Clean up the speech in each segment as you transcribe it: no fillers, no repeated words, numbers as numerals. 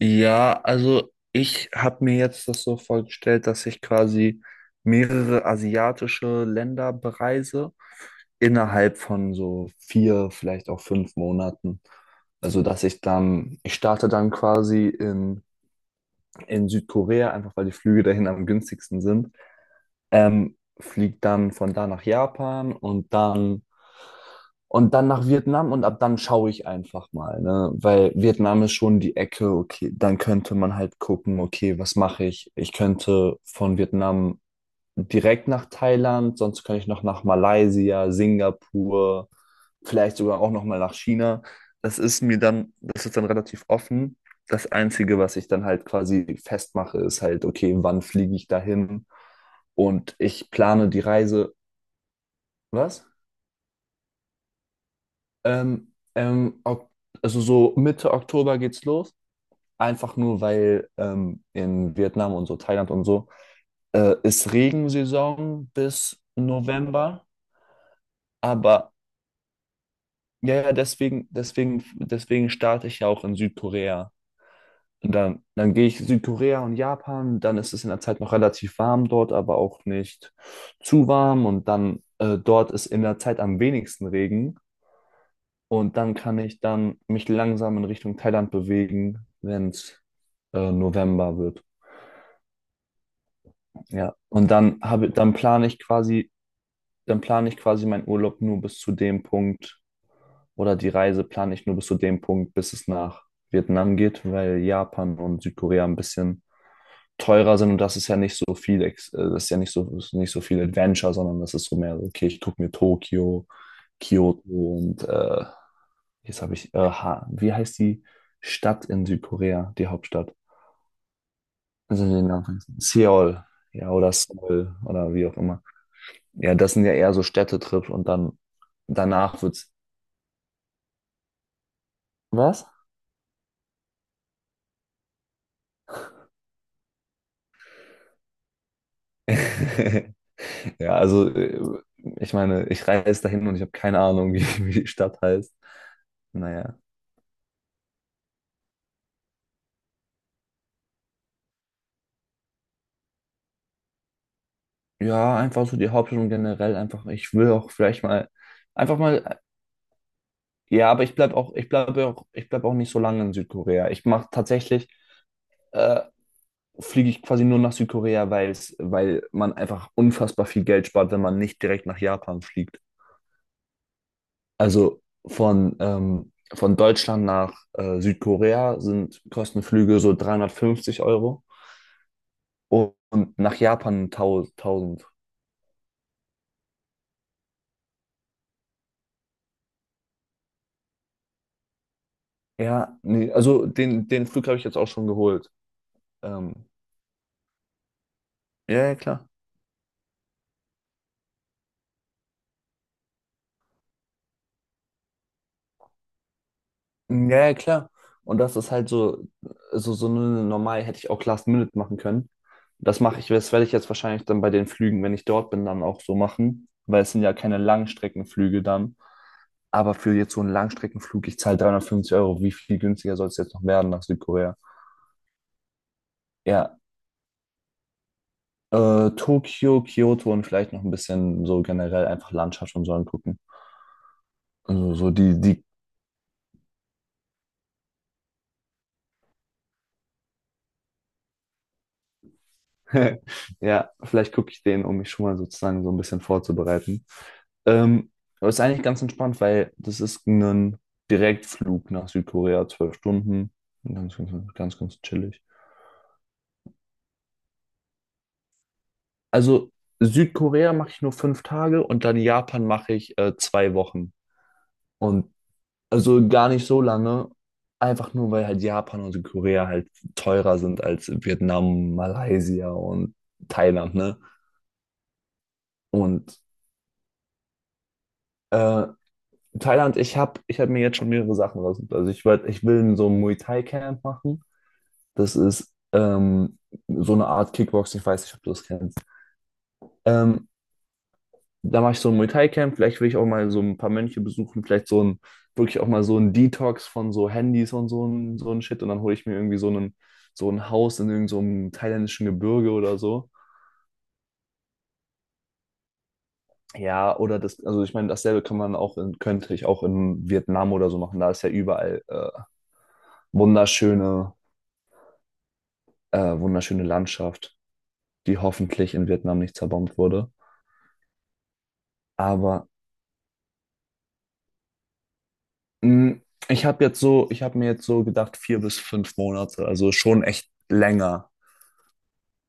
Ja, also ich habe mir jetzt das so vorgestellt, dass ich quasi mehrere asiatische Länder bereise innerhalb von so 4, vielleicht auch 5 Monaten. Also dass ich starte dann quasi in, Südkorea, einfach weil die Flüge dahin am günstigsten sind, fliege dann von da nach Japan und dann nach Vietnam und ab dann schaue ich einfach mal, ne? Weil Vietnam ist schon die Ecke, okay, dann könnte man halt gucken, okay, was mache ich? Ich könnte von Vietnam direkt nach Thailand, sonst könnte ich noch nach Malaysia, Singapur, vielleicht sogar auch noch mal nach China. Das ist dann relativ offen. Das Einzige, was ich dann halt quasi festmache, ist halt, okay, wann fliege ich dahin? Und ich plane die Reise. Was? Ähm, ähm, ok- also so Mitte Oktober geht's los. Einfach nur, weil in Vietnam und so, Thailand und so, ist Regensaison bis November. Aber ja, ja, deswegen, starte ich ja auch in Südkorea. Und dann gehe ich Südkorea und Japan, dann ist es in der Zeit noch relativ warm dort, aber auch nicht zu warm. Und dann dort ist in der Zeit am wenigsten Regen. Und dann kann ich dann mich langsam in Richtung Thailand bewegen, wenn es November wird. Ja. Und dann plane ich quasi meinen Urlaub nur bis zu dem Punkt oder die Reise plane ich nur bis zu dem Punkt, bis es nach Vietnam geht, weil Japan und Südkorea ein bisschen teurer sind, und das ist ja nicht so viel, das ist nicht so viel Adventure, sondern das ist so mehr, so, okay, ich gucke mir Tokio, Kyoto und jetzt habe ich, Ha- wie heißt die Stadt in Südkorea, die Hauptstadt? Also den Namen vergessen. Seoul, ja, oder Seoul oder wie auch immer. Ja, das sind ja eher so Städtetrips und dann danach wird's. Was? Ja, also ich meine, ich reise dahin und ich habe keine Ahnung, wie die Stadt heißt. Naja. Ja, einfach so die Hauptstadt und generell einfach, ich will auch vielleicht mal, einfach mal, ja, aber ich bleib auch nicht so lange in Südkorea. Äh, fliege ich quasi nur nach Südkorea, weil weil man einfach unfassbar viel Geld spart, wenn man nicht direkt nach Japan fliegt. Also von Deutschland nach Südkorea sind Kostenflüge so 350 € und nach Japan 1.000. Ja, nee, also den Flug habe ich jetzt auch schon geholt. Ähm, Ja, ja, klar. Ja, ja, klar. Und das ist halt so eine normal hätte ich auch Last Minute machen können. Das werde ich jetzt wahrscheinlich dann bei den Flügen, wenn ich dort bin, dann auch so machen, weil es sind ja keine Langstreckenflüge dann. Aber für jetzt so einen Langstreckenflug, ich zahle 350 Euro. Wie viel günstiger soll es jetzt noch werden nach Südkorea? Ja, Tokio, Kyoto und vielleicht noch ein bisschen so generell einfach Landschaft und so angucken. Also so die. Ja, vielleicht gucke ich den, um mich schon mal sozusagen so ein bisschen vorzubereiten. Ähm, aber ist eigentlich ganz entspannt, weil das ist ein Direktflug nach Südkorea, 12 Stunden. Ganz, ganz, ganz, ganz chillig. Also Südkorea mache ich nur 5 Tage und dann Japan mache ich 2 Wochen. Und also gar nicht so lange, einfach nur weil halt Japan und Südkorea halt teurer sind als Vietnam, Malaysia und Thailand, ne? Und äh, Thailand, ich hab mir jetzt schon mehrere Sachen raus. Also ich will so ein Muay Thai Camp machen. Das ist so eine Art Kickboxing, ich weiß nicht, ob du das kennst. Ähm, da mache ich so ein Muay Thai Camp. Vielleicht will ich auch mal so ein paar Mönche besuchen. Vielleicht wirklich auch mal so ein Detox von so Handys und so ein Shit. Und dann hole ich mir irgendwie so ein Haus in irgend so einem thailändischen Gebirge oder so. Ja, also ich meine, dasselbe kann man auch könnte ich auch in Vietnam oder so machen. Da ist ja überall wunderschöne wunderschöne Landschaft, die hoffentlich in Vietnam nicht zerbombt wurde. Aber mh, ich habe mir jetzt so gedacht, 4 bis 5 Monate, also schon echt länger.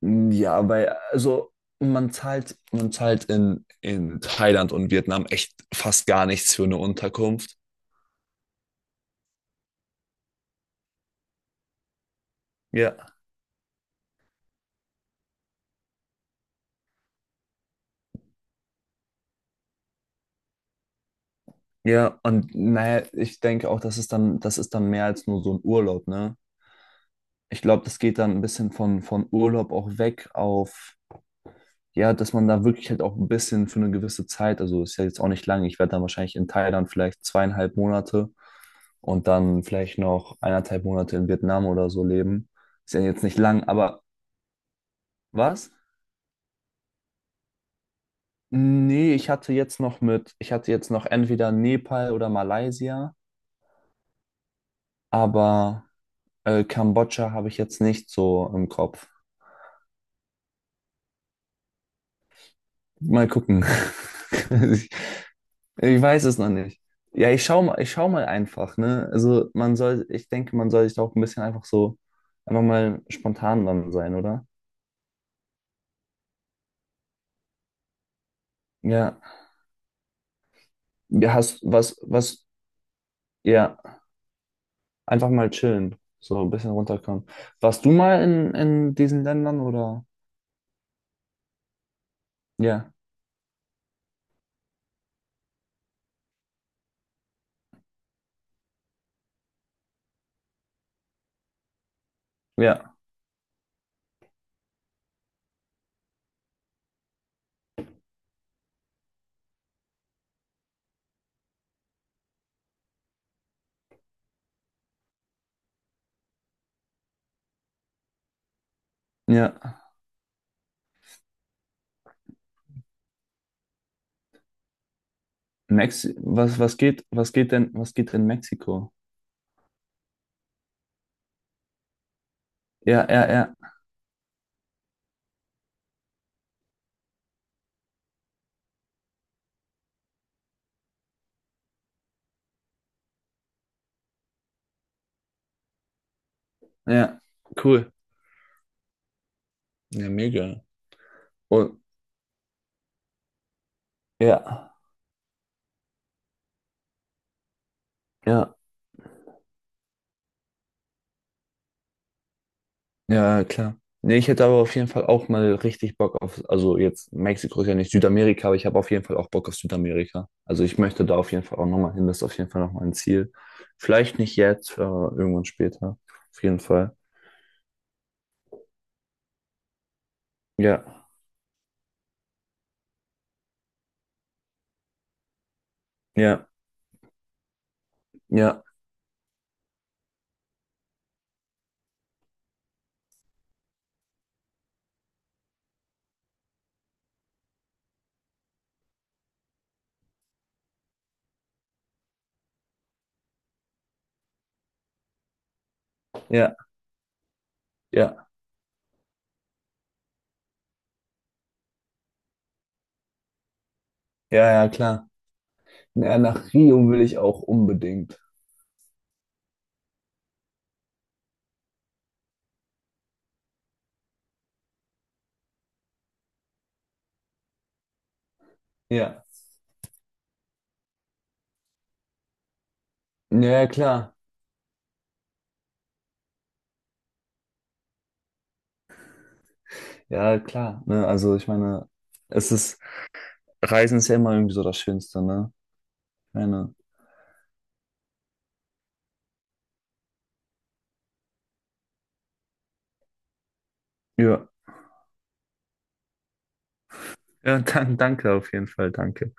Mm, ja, weil, also man zahlt in Thailand und Vietnam echt fast gar nichts für eine Unterkunft. Ja. Ja, und naja, ich denke auch, das ist dann mehr als nur so ein Urlaub, ne? Ich glaube, das geht dann ein bisschen von Urlaub auch weg auf ja, dass man da wirklich halt auch ein bisschen für eine gewisse Zeit, also ist ja jetzt auch nicht lange, ich werde dann wahrscheinlich in Thailand vielleicht 2,5 Monate und dann vielleicht noch 1,5 Monate in Vietnam oder so leben. Ist ja jetzt nicht lang, aber was? Nee, ich hatte jetzt noch entweder Nepal oder Malaysia, aber Kambodscha habe ich jetzt nicht so im Kopf. Mal gucken. Ich weiß es noch nicht. Ja, ich schau mal einfach, ne? Also man soll, ich denke, man soll sich da auch ein bisschen einfach so, einfach mal spontan dann sein, oder? Ja. Ja, hast was, ja, einfach mal chillen. So ein bisschen runterkommen. Warst du mal in diesen Ländern oder? Ja, ja, ja. Mexi was, was geht denn, was geht in Mexiko? Ja, ja, ja, ja. Cool. Ja, mega. Und, ja, ja. Ja, klar. Nee, ich hätte aber auf jeden Fall auch mal richtig Bock auf, also jetzt Mexiko ist ja nicht Südamerika, aber ich habe auf jeden Fall auch Bock auf Südamerika. Also ich möchte da auf jeden Fall auch nochmal hin, das ist auf jeden Fall noch ein Ziel. Vielleicht nicht jetzt, aber irgendwann später. Auf jeden Fall. Ja, ja, ja, ja, ja, ja, ja, klar. Ja, nach Rio will ich auch unbedingt. Ja, ja, ja, klar. Ja, klar. Ne, also ich meine, es ist, Reisen ist ja immer irgendwie so das Schönste, ne? Ich meine, ja. Ja, danke auf jeden Fall, danke.